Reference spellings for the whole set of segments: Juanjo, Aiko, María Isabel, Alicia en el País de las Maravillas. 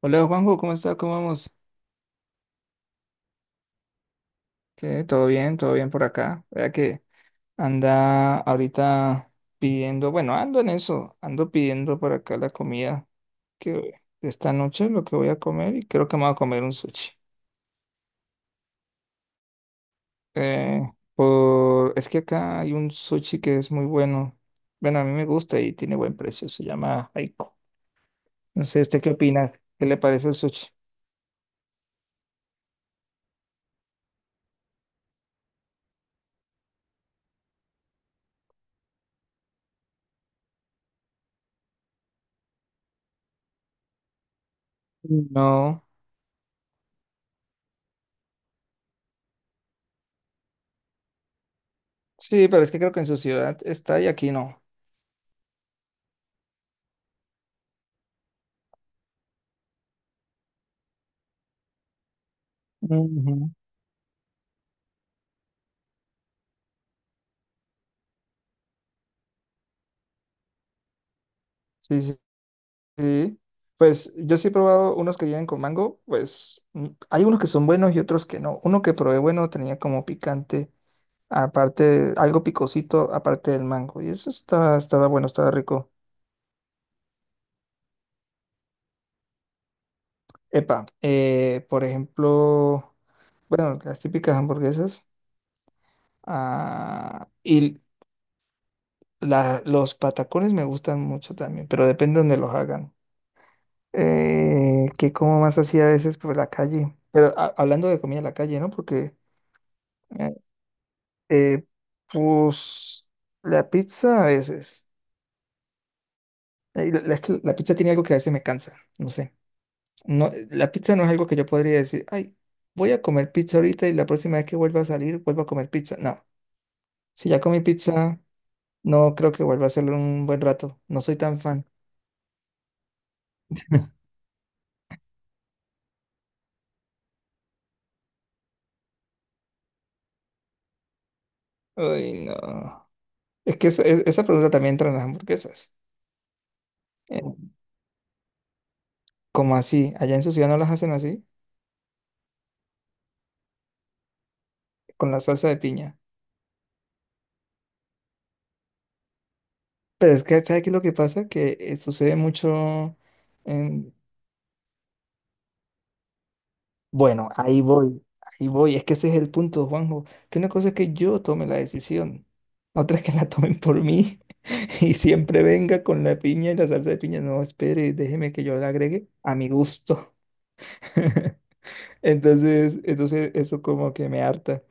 Hola Juanjo, ¿cómo está? ¿Cómo vamos? Sí, todo bien por acá. Vea que anda ahorita pidiendo, bueno, ando en eso, ando pidiendo por acá la comida que esta noche lo que voy a comer y creo que me voy a comer un sushi. Eh, es que acá hay un sushi que es muy bueno. Bueno, a mí me gusta y tiene buen precio, se llama Aiko. No sé, ¿usted qué opina? ¿Qué le parece el sushi? No. Sí, pero es que creo que en su ciudad está y aquí no. Ujú. Sí, sí. Sí, pues yo sí he probado unos que vienen con mango, pues hay unos que son buenos y otros que no. Uno que probé bueno tenía como picante, aparte, algo picosito, aparte del mango. Y estaba bueno, estaba rico. Por ejemplo, bueno, las típicas hamburguesas. Y los patacones me gustan mucho también, pero depende donde los hagan. Que como más así a veces por la calle. Pero hablando de comida en la calle, ¿no? Porque... Eh, pues la pizza a veces. Eh, La, la- la pizza tiene algo que a veces me cansa, no sé. No, la pizza no es algo que yo podría decir, ay, voy a comer pizza ahorita y la próxima vez que vuelva a salir, vuelvo a comer pizza. No, si ya comí pizza, no creo que vuelva a hacerlo en un buen rato. No soy tan fan. Ay, no. Es que esa pregunta también entra en las hamburguesas. Eh, como así? Allá en su ciudad no las hacen así, con la salsa de piña. Pero es que, ¿sabes qué es lo que pasa? Que sucede mucho... Bueno, ahí voy, ahí voy. Es que ese es el punto, Juanjo. Que una cosa es que yo tome la decisión, otra es que la tomen por mí y siempre venga con la piña y la salsa de piña. No, espere, déjeme que yo la agregue a mi gusto. Entonces eso como que me harta,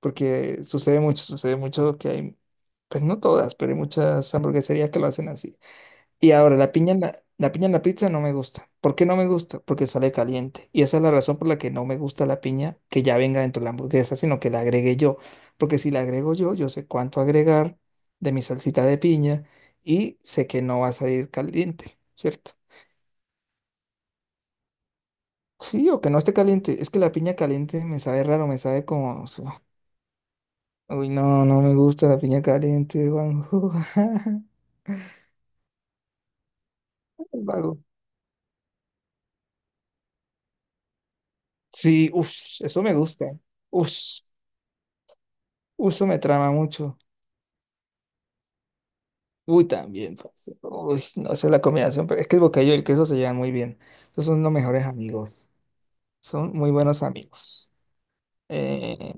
porque sucede mucho que hay, pues no todas, pero hay muchas hamburgueserías que lo hacen así. Y ahora, la piña en la pizza no me gusta. ¿Por qué no me gusta? Porque sale caliente. Y esa es la razón por la que no me gusta la piña que ya venga dentro de la hamburguesa, sino que la agregue yo. Porque si la agrego yo, yo sé cuánto agregar de mi salsita de piña y sé que no va a salir caliente, ¿cierto? Sí, o que no esté caliente. Es que la piña caliente me sabe raro, me sabe como... Uy, no, no me gusta la piña caliente, Juanjo. El vago. Sí, uff, eso me gusta. Uff, eso me trama mucho. Uy, también, parce. Uy, no sé la combinación, pero es que el bocadillo y el queso se llevan muy bien. Esos son los mejores amigos. Son muy buenos amigos. Eh,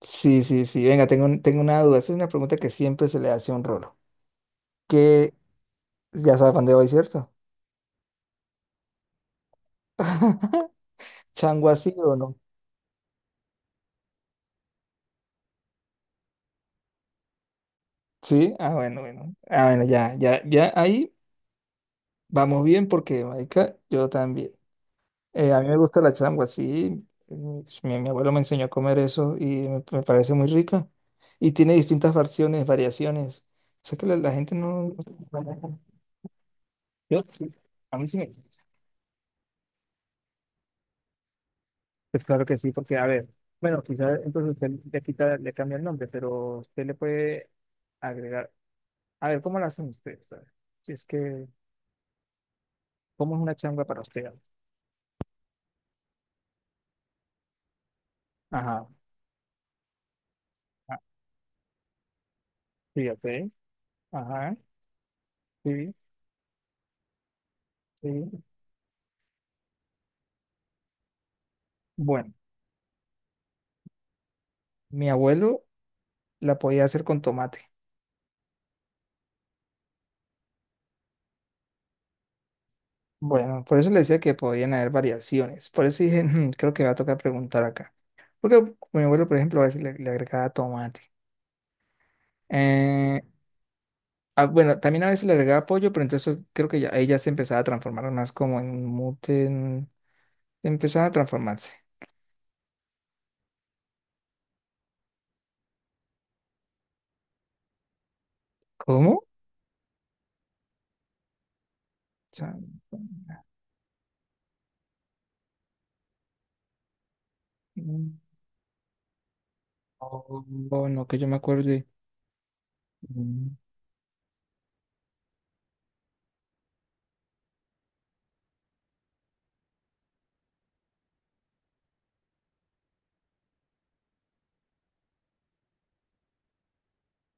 sí, sí, sí. Venga, tengo una duda. Esa es una pregunta que siempre se le hace a un rolo. Que ya sabe para dónde voy, ¿cierto? ¿Chango así o no? Sí, ah, bueno, bueno. Ah, bueno, ya ahí vamos bien porque, marica, yo también. A mí me gusta la changua, sí. Pues, abuelo me enseñó a comer eso y me parece muy rica. Y tiene distintas versiones, variaciones. O sea que la gente no... Yo sí, a mí sí me... Pues claro que sí, porque a ver, bueno, quizás entonces usted le quita, le cambia el nombre, pero usted le puede agregar... A ver, ¿cómo lo hacen ustedes? A ver, si es que, ¿cómo es una changua para usted? Ajá, ah, sí, ok, ajá, sí, sí. Bueno, mi abuelo la podía hacer con tomate. Bueno, por eso le decía que podían haber variaciones. Por eso dije, "Mm, creo que me va a tocar preguntar acá. Porque mi abuelo, por ejemplo, a veces le agregaba tomate. Eh, bueno, también a veces le agregaba pollo, pero entonces creo que ya, ahí ya se empezaba a transformar más como en un mute. Empezaba a transformarse. ¿Cómo? O sea, mm, oh, oh, no, que yo me acuerde. Mm.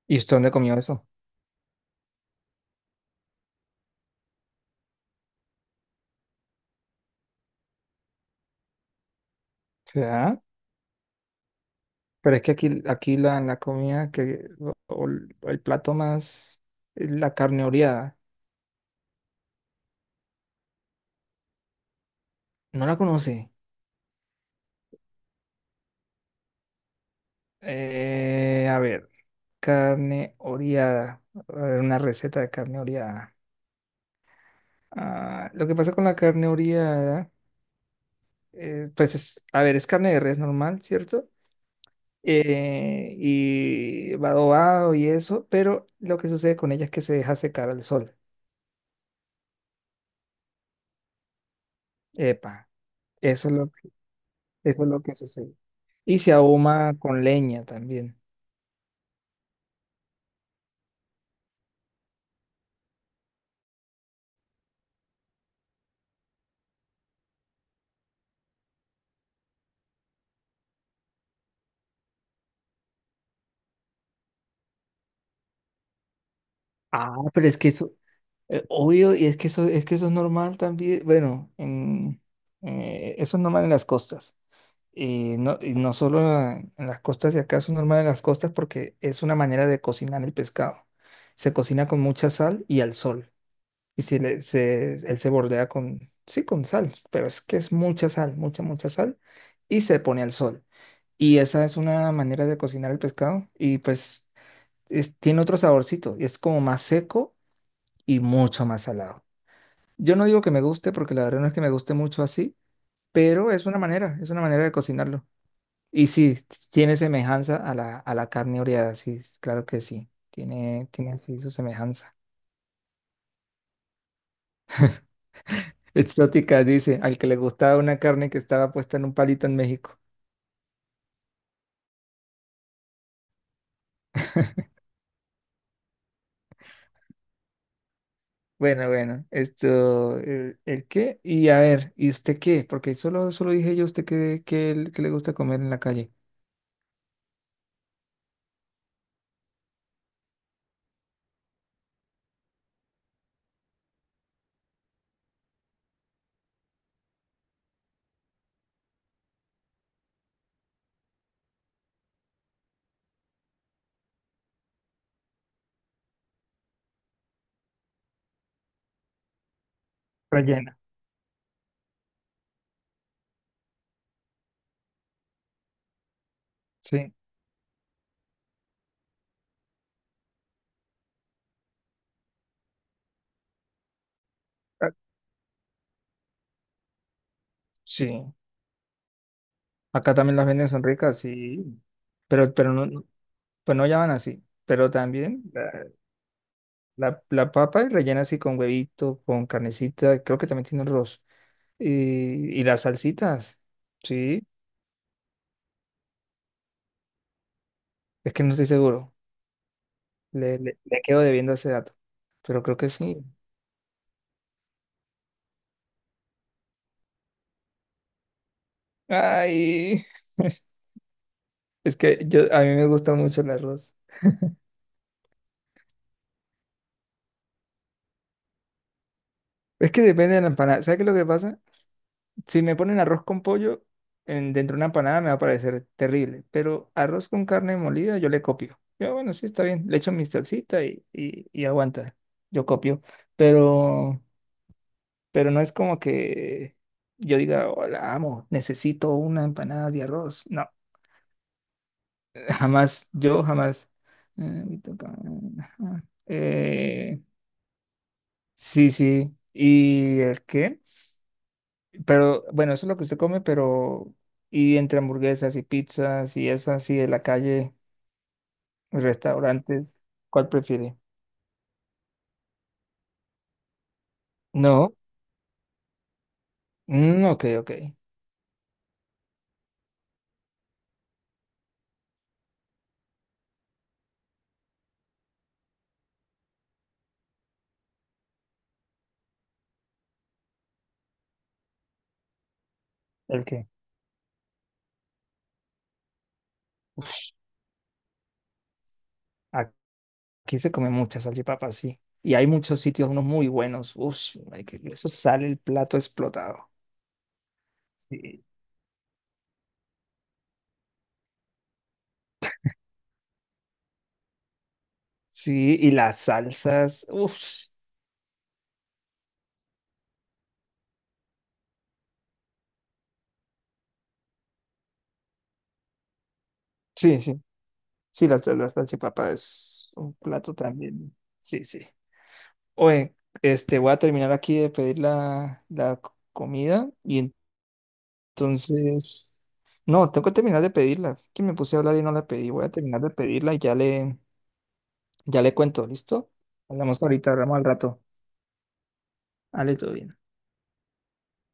¿Y usted dónde comió eso? O sea, pero es que aquí, aquí la comida que, o el plato más, es la carne oreada. No la conoce. A ver, carne oreada. A ver, una receta de carne oreada. Ah, lo que pasa con la carne oreada, pues es, a ver, es carne de res normal, ¿cierto? Y va adobado y eso, pero lo que sucede con ella es que se deja secar al sol. Epa, eso es lo que, eso es lo que sucede. Y se ahuma con leña también. Ah, pero es que eso, obvio, y es que eso, es que eso es normal también, bueno, en, eso es normal en las costas. Y no solo en las costas de acá, eso es normal en las costas porque es una manera de cocinar el pescado. Se cocina con mucha sal y al sol. Y si él se bordea con, sí, con sal, pero es que es mucha sal, mucha, mucha sal, y se pone al sol. Y esa es una manera de cocinar el pescado y pues tiene otro saborcito, y es como más seco y mucho más salado. Yo no digo que me guste, porque la verdad no es que me guste mucho así, pero es una manera de cocinarlo. Y sí, tiene semejanza a a la carne oreada, sí, claro que sí, tiene, tiene así su semejanza. Exótica, dice, al que le gustaba una carne que estaba puesta en un palito en México. Bueno, bueno, esto, el qué? Y a ver, ¿y usted qué? Porque solo, solo dije yo, ¿usted qué, qué le gusta comer en la calle? Rellena. Sí, Ah, sí. Acá también las venden, son ricas, sí. Pero, pues no llaman así, pero también la papa es rellena así con huevito, con carnecita, creo que también tiene arroz. Y, las salsitas, sí, es que no estoy seguro, le quedo debiendo ese dato, pero creo que sí. Ay, es que yo, a mí me gusta mucho el arroz. Es que depende de la empanada. ¿Sabes qué es lo que pasa? Si me ponen arroz con pollo en, dentro de una empanada me va a parecer terrible, pero arroz con carne molida yo le copio. Yo, bueno, sí, está bien, le echo mi salsita y aguanta, yo copio, pero, pero no es como que yo diga, hola, amo, necesito una empanada de arroz. No, jamás, yo jamás. Eh, me toca- ajá. Sí, sí, ¿y el qué? Pero bueno, eso es lo que usted come, pero y entre hamburguesas y pizzas y eso así de la calle, restaurantes, ¿cuál prefiere? No, ok, ok. ¿El qué? Aquí se come muchas salchipapas, sí. Y hay muchos sitios, unos muy buenos. Uf, marica, que eso sale el plato explotado. Sí, sí, y las salsas, uff sí, sí, sí, las salchipapas es un plato también. Sí, sí. Oye, este, voy a terminar aquí de pedir comida y entonces... No, tengo que terminar de pedirla. Que me puse a hablar y no la pedí. Voy a terminar de pedirla y ya ya le cuento, ¿listo? Hablamos ahorita, hablamos al rato. Ale, todo bien.